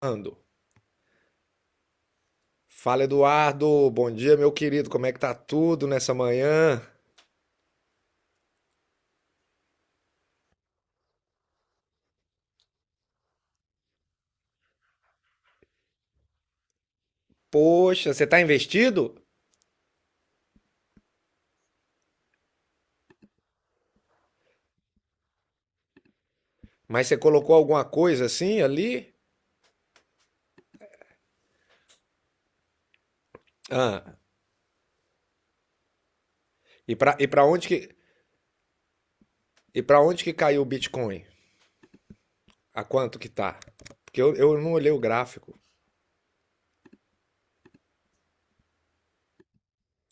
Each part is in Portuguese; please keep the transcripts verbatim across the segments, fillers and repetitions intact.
Ando. Fala, Eduardo. Bom dia, meu querido. Como é que tá tudo nessa manhã? Poxa, você tá investido? Mas você colocou alguma coisa assim ali? Ah, e pra, e pra onde que, e pra onde que caiu o Bitcoin? A quanto que tá? Porque eu, eu não olhei o gráfico.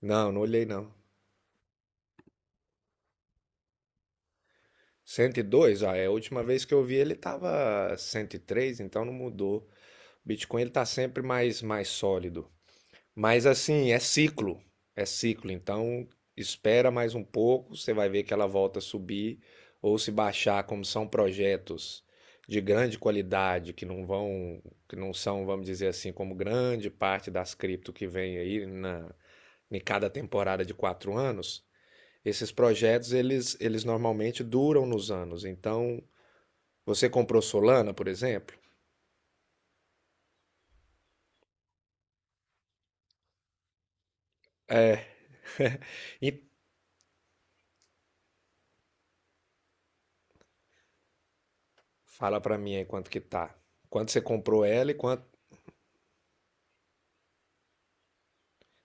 Não, não olhei não. cento e dois? Ah, é a última vez que eu vi ele tava cento e três. Então não mudou. O Bitcoin ele tá sempre mais, mais sólido. Mas assim, é ciclo, é ciclo. Então, espera mais um pouco, você vai ver que ela volta a subir ou se baixar, como são projetos de grande qualidade que não vão, que não são, vamos dizer assim, como grande parte das cripto que vem aí na em cada temporada de quatro anos. Esses projetos eles, eles normalmente duram nos anos. Então, você comprou Solana, por exemplo, e fala para mim aí quanto que tá. Quanto você comprou ela e quanto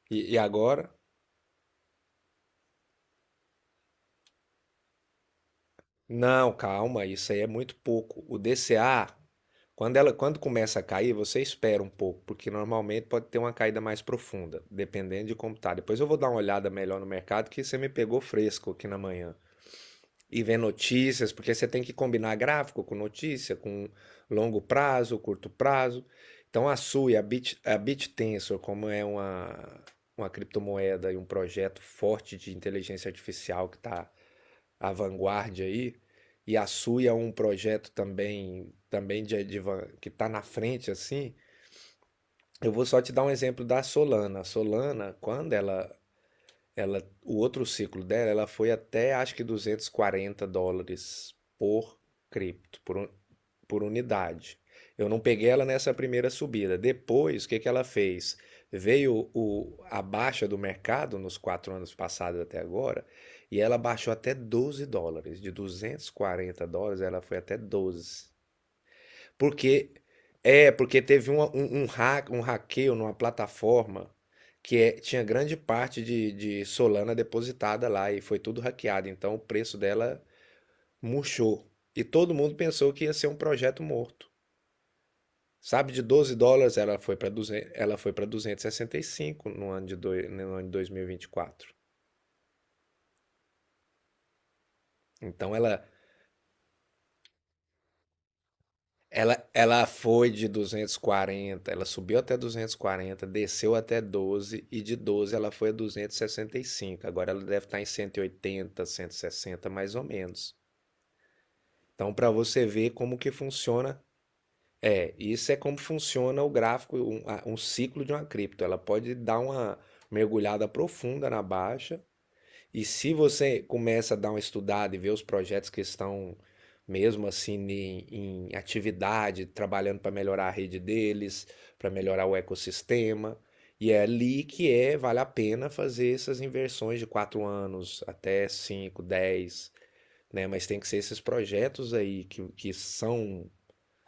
e, e agora? Não, calma, isso aí é muito pouco. O D C A, quando ela, quando começa a cair, você espera um pouco, porque normalmente pode ter uma caída mais profunda, dependendo de como tá. Depois eu vou dar uma olhada melhor no mercado, que você me pegou fresco aqui na manhã. E ver notícias, porque você tem que combinar gráfico com notícia, com longo prazo, curto prazo. Então a sua e a Bit, a BitTensor, como é uma, uma criptomoeda e um projeto forte de inteligência artificial que está a vanguarda aí, e a sua é um projeto também também de, de van- que está na frente assim. Eu vou só te dar um exemplo da Solana. A Solana, quando ela ela, o outro ciclo dela, ela foi até acho que duzentos e quarenta dólares por cripto, por, un- por unidade. Eu não peguei ela nessa primeira subida. Depois, o que que ela fez? Veio o, a baixa do mercado nos quatro anos passados até agora, e ela baixou até doze dólares. De duzentos e quarenta dólares, ela foi até doze porque é, porque teve uma- um, um hack, um hackeio numa plataforma que é- tinha grande parte de, de Solana depositada lá e foi tudo hackeado. Então o preço dela murchou. E todo mundo pensou que ia ser um projeto morto. Sabe, de doze dólares ela foi para duzentos, ela foi para duzentos e e sessenta e cinco no ano de, doi- no ano de dois mil e e vinte e quatro. Então ela... Ela, ela foi de duzentos e quarenta, ela subiu até duzentos e quarenta, desceu até doze, e de doze ela foi a duzentos e sessenta e cinco. Agora ela deve estar em cento cento e oitenta, cento e sessenta, mais ou menos. Então para você ver como que funciona, é, isso é como funciona o gráfico, um, um ciclo de uma cripto. Ela pode dar uma mergulhada profunda na baixa e se você começa a dar uma estudada e ver os projetos que estão mesmo assim em em, atividade, trabalhando para melhorar a rede deles, para melhorar o ecossistema, e é ali que é, vale a pena fazer essas inversões de quatro anos até cinco, dez, né? Mas tem que ser esses projetos aí que, que são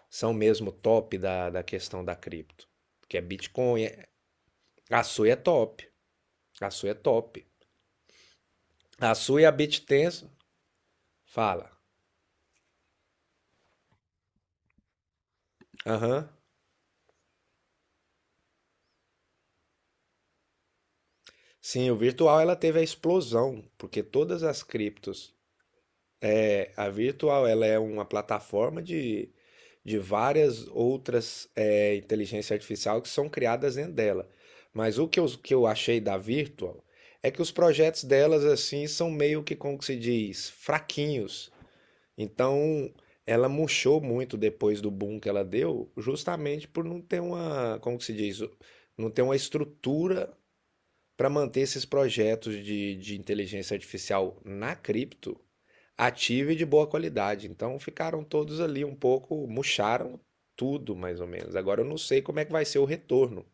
são mesmo top da, da questão da cripto, que é Bitcoin, é- a sua é top, a sua é top. A sua e a BitTenso, fala. Aham. Sim, o virtual ela teve a explosão, porque todas as criptos, é, a virtual ela é uma plataforma de, de várias outras é, inteligência artificial que são criadas dentro dela. Mas o que eu, que eu achei da virtual é que os projetos delas assim são meio que, como que se diz, fraquinhos. Então, ela murchou muito depois do boom que ela deu, justamente por não ter uma, como que se diz, não ter uma estrutura para manter esses projetos de, de inteligência artificial na cripto ativa e de boa qualidade. Então ficaram todos ali um pouco, murcharam tudo mais ou menos. Agora eu não sei como é que vai ser o retorno.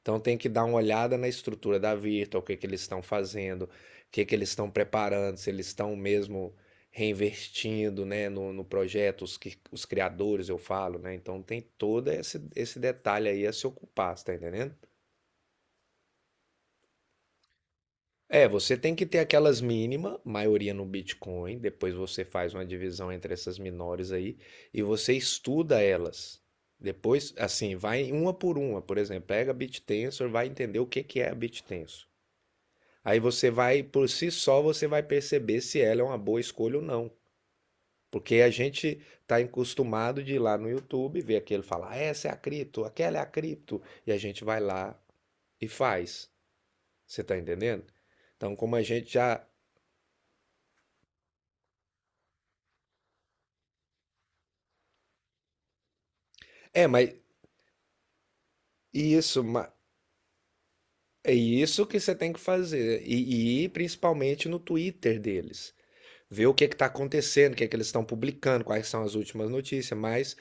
Então tem que dar uma olhada na estrutura da Virtual, o que que eles estão fazendo, o que que eles estão preparando, se eles estão mesmo reinvestindo, né, no, no projeto, os, que- os criadores, eu falo, né? Então tem todo esse, esse detalhe aí a se ocupar, você tá entendendo? É, você tem que ter aquelas mínima, maioria no Bitcoin, depois você faz uma divisão entre essas menores aí e você estuda elas. Depois, assim, vai uma por uma, por exemplo, pega BitTensor, vai entender o que que é a BitTensor. Aí você vai, por si só, você vai perceber se ela é uma boa escolha ou não. Porque a gente está acostumado de ir lá no YouTube, ver aquele falar: "Ah, essa é a cripto, aquela é a cripto", e a gente vai lá e faz. Você está entendendo? Então, como a gente já é, mas isso, ma- é isso que você tem que fazer. E, e ir principalmente no Twitter deles. Ver o que está acontecendo, o que é que eles estão publicando, quais são as últimas notícias. Mas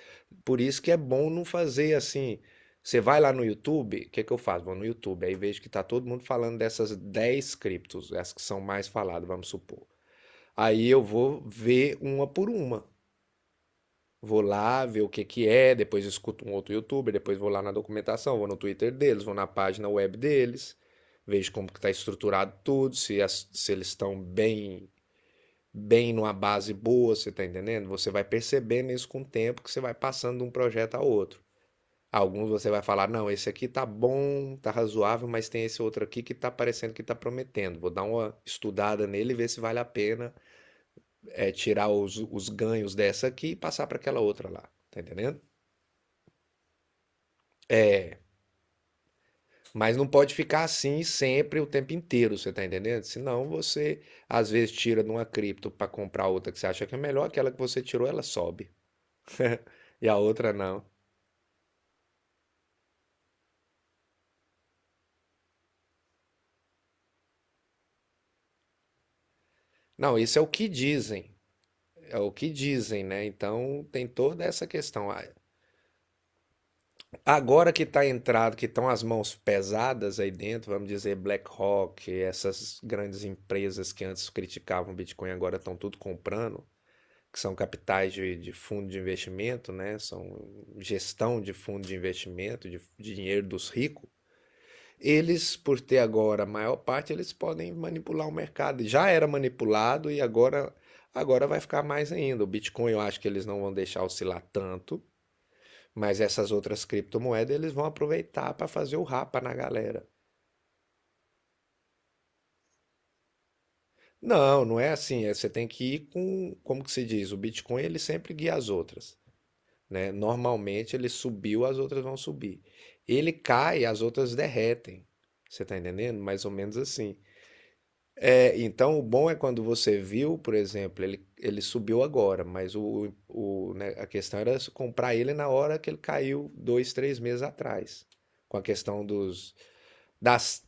por isso que é bom não fazer assim. Você vai lá no YouTube, o que é que eu faço? Vou no YouTube, aí vejo que está todo mundo falando dessas dez criptos, as que são mais faladas, vamos supor. Aí eu vou ver uma por uma. Vou lá ver o que que é, depois escuto um outro youtuber, depois vou lá na documentação, vou no Twitter deles, vou na página web deles, vejo como que está estruturado tudo, se, as- se eles estão bem, bem numa base boa, você está entendendo? Você vai percebendo isso com o tempo que você vai passando de um projeto a outro. Alguns você vai falar, não, esse aqui tá bom, tá razoável, mas tem esse outro aqui que tá parecendo que tá prometendo. Vou dar uma estudada nele e ver se vale a pena é, tirar os, os ganhos dessa aqui e passar para aquela outra lá. Tá entendendo? Mas não pode ficar assim sempre, o tempo inteiro, você tá entendendo? Senão você, às vezes, tira de uma cripto para comprar outra que você acha que é melhor, aquela que você tirou, ela sobe. E a outra não. Não, isso é o que dizem. É o que dizem, né? Então tem toda essa questão. Ah, agora que tá entrado, que estão as mãos pesadas aí dentro, vamos dizer BlackRock, essas grandes empresas que antes criticavam o Bitcoin, agora estão tudo comprando. Que são capitais de, de fundo de investimento, né? São gestão de fundo de investimento, de, de dinheiro dos ricos. Eles, por ter agora a maior parte, eles podem manipular o mercado. Já era manipulado e agora agora vai ficar mais ainda. O Bitcoin eu acho que eles não vão deixar oscilar tanto, mas essas outras criptomoedas eles vão aproveitar para fazer o rapa na galera. Não, não é assim. é- Você tem que ir com, como que se diz, o Bitcoin ele sempre guia as outras. Né? Normalmente ele subiu, as outras vão subir. Ele cai, as outras derretem. Você está entendendo? Mais ou menos assim. É, então o bom é quando você viu, por exemplo, ele, ele subiu agora, mas o, o, né, a questão era se comprar ele na hora que ele caiu dois, três meses atrás. Com a questão dos, das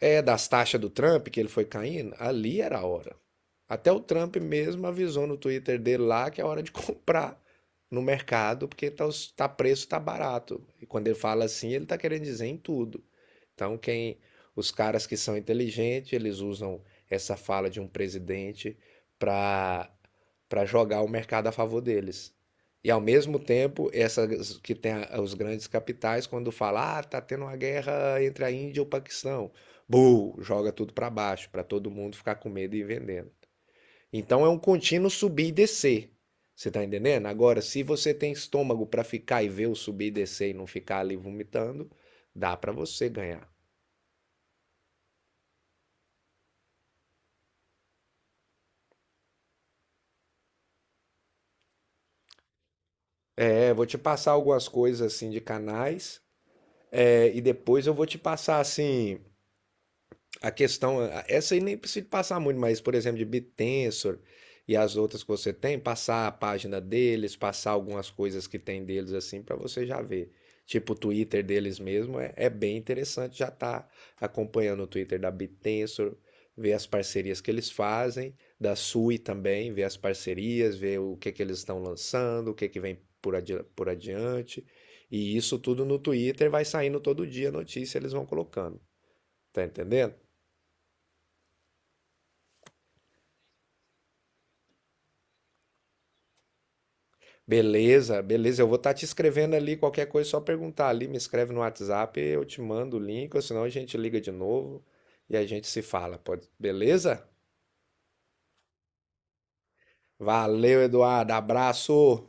é, das taxas do Trump, que ele foi caindo, ali era a hora. Até o Trump mesmo avisou no Twitter dele lá que é hora de comprar no mercado, porque tá, os- tá preço, tá barato. E quando ele fala assim, ele tá querendo dizer em tudo. Então, quem, os caras que são inteligentes, eles usam essa fala de um presidente para para jogar o mercado a favor deles. E ao mesmo tempo, essas que tem a- os grandes capitais, quando fala, ah, tá tendo uma guerra entre a Índia e o Paquistão, bu, joga tudo para baixo, para todo mundo ficar com medo e vendendo. Então é um contínuo subir e descer. Você tá entendendo? Agora, se você tem estômago para ficar e ver o subir e descer e não ficar ali vomitando, dá para você ganhar. Eu vou te passar algumas coisas assim de canais, é, e depois eu vou te passar assim a questão, a- essa aí nem precisa passar muito, mas por exemplo, de BitTensor e as outras que você tem, passar a página deles, passar algumas coisas que tem deles assim para você já ver. Tipo o Twitter deles mesmo é, é bem interessante, já tá acompanhando o Twitter da BitTensor, ver as parcerias que eles fazem, da Sui também, ver as parcerias, ver o que que eles estão lançando, o que que vem por, adi por adiante. E isso tudo no Twitter vai saindo todo dia a notícia, eles vão colocando. Tá entendendo? Beleza, beleza. Eu vou estar te escrevendo ali qualquer coisa, só perguntar ali, me escreve no WhatsApp, eu te mando o link, ou senão a gente liga de novo e a gente se fala, pode? Beleza? Valeu, Eduardo. Abraço.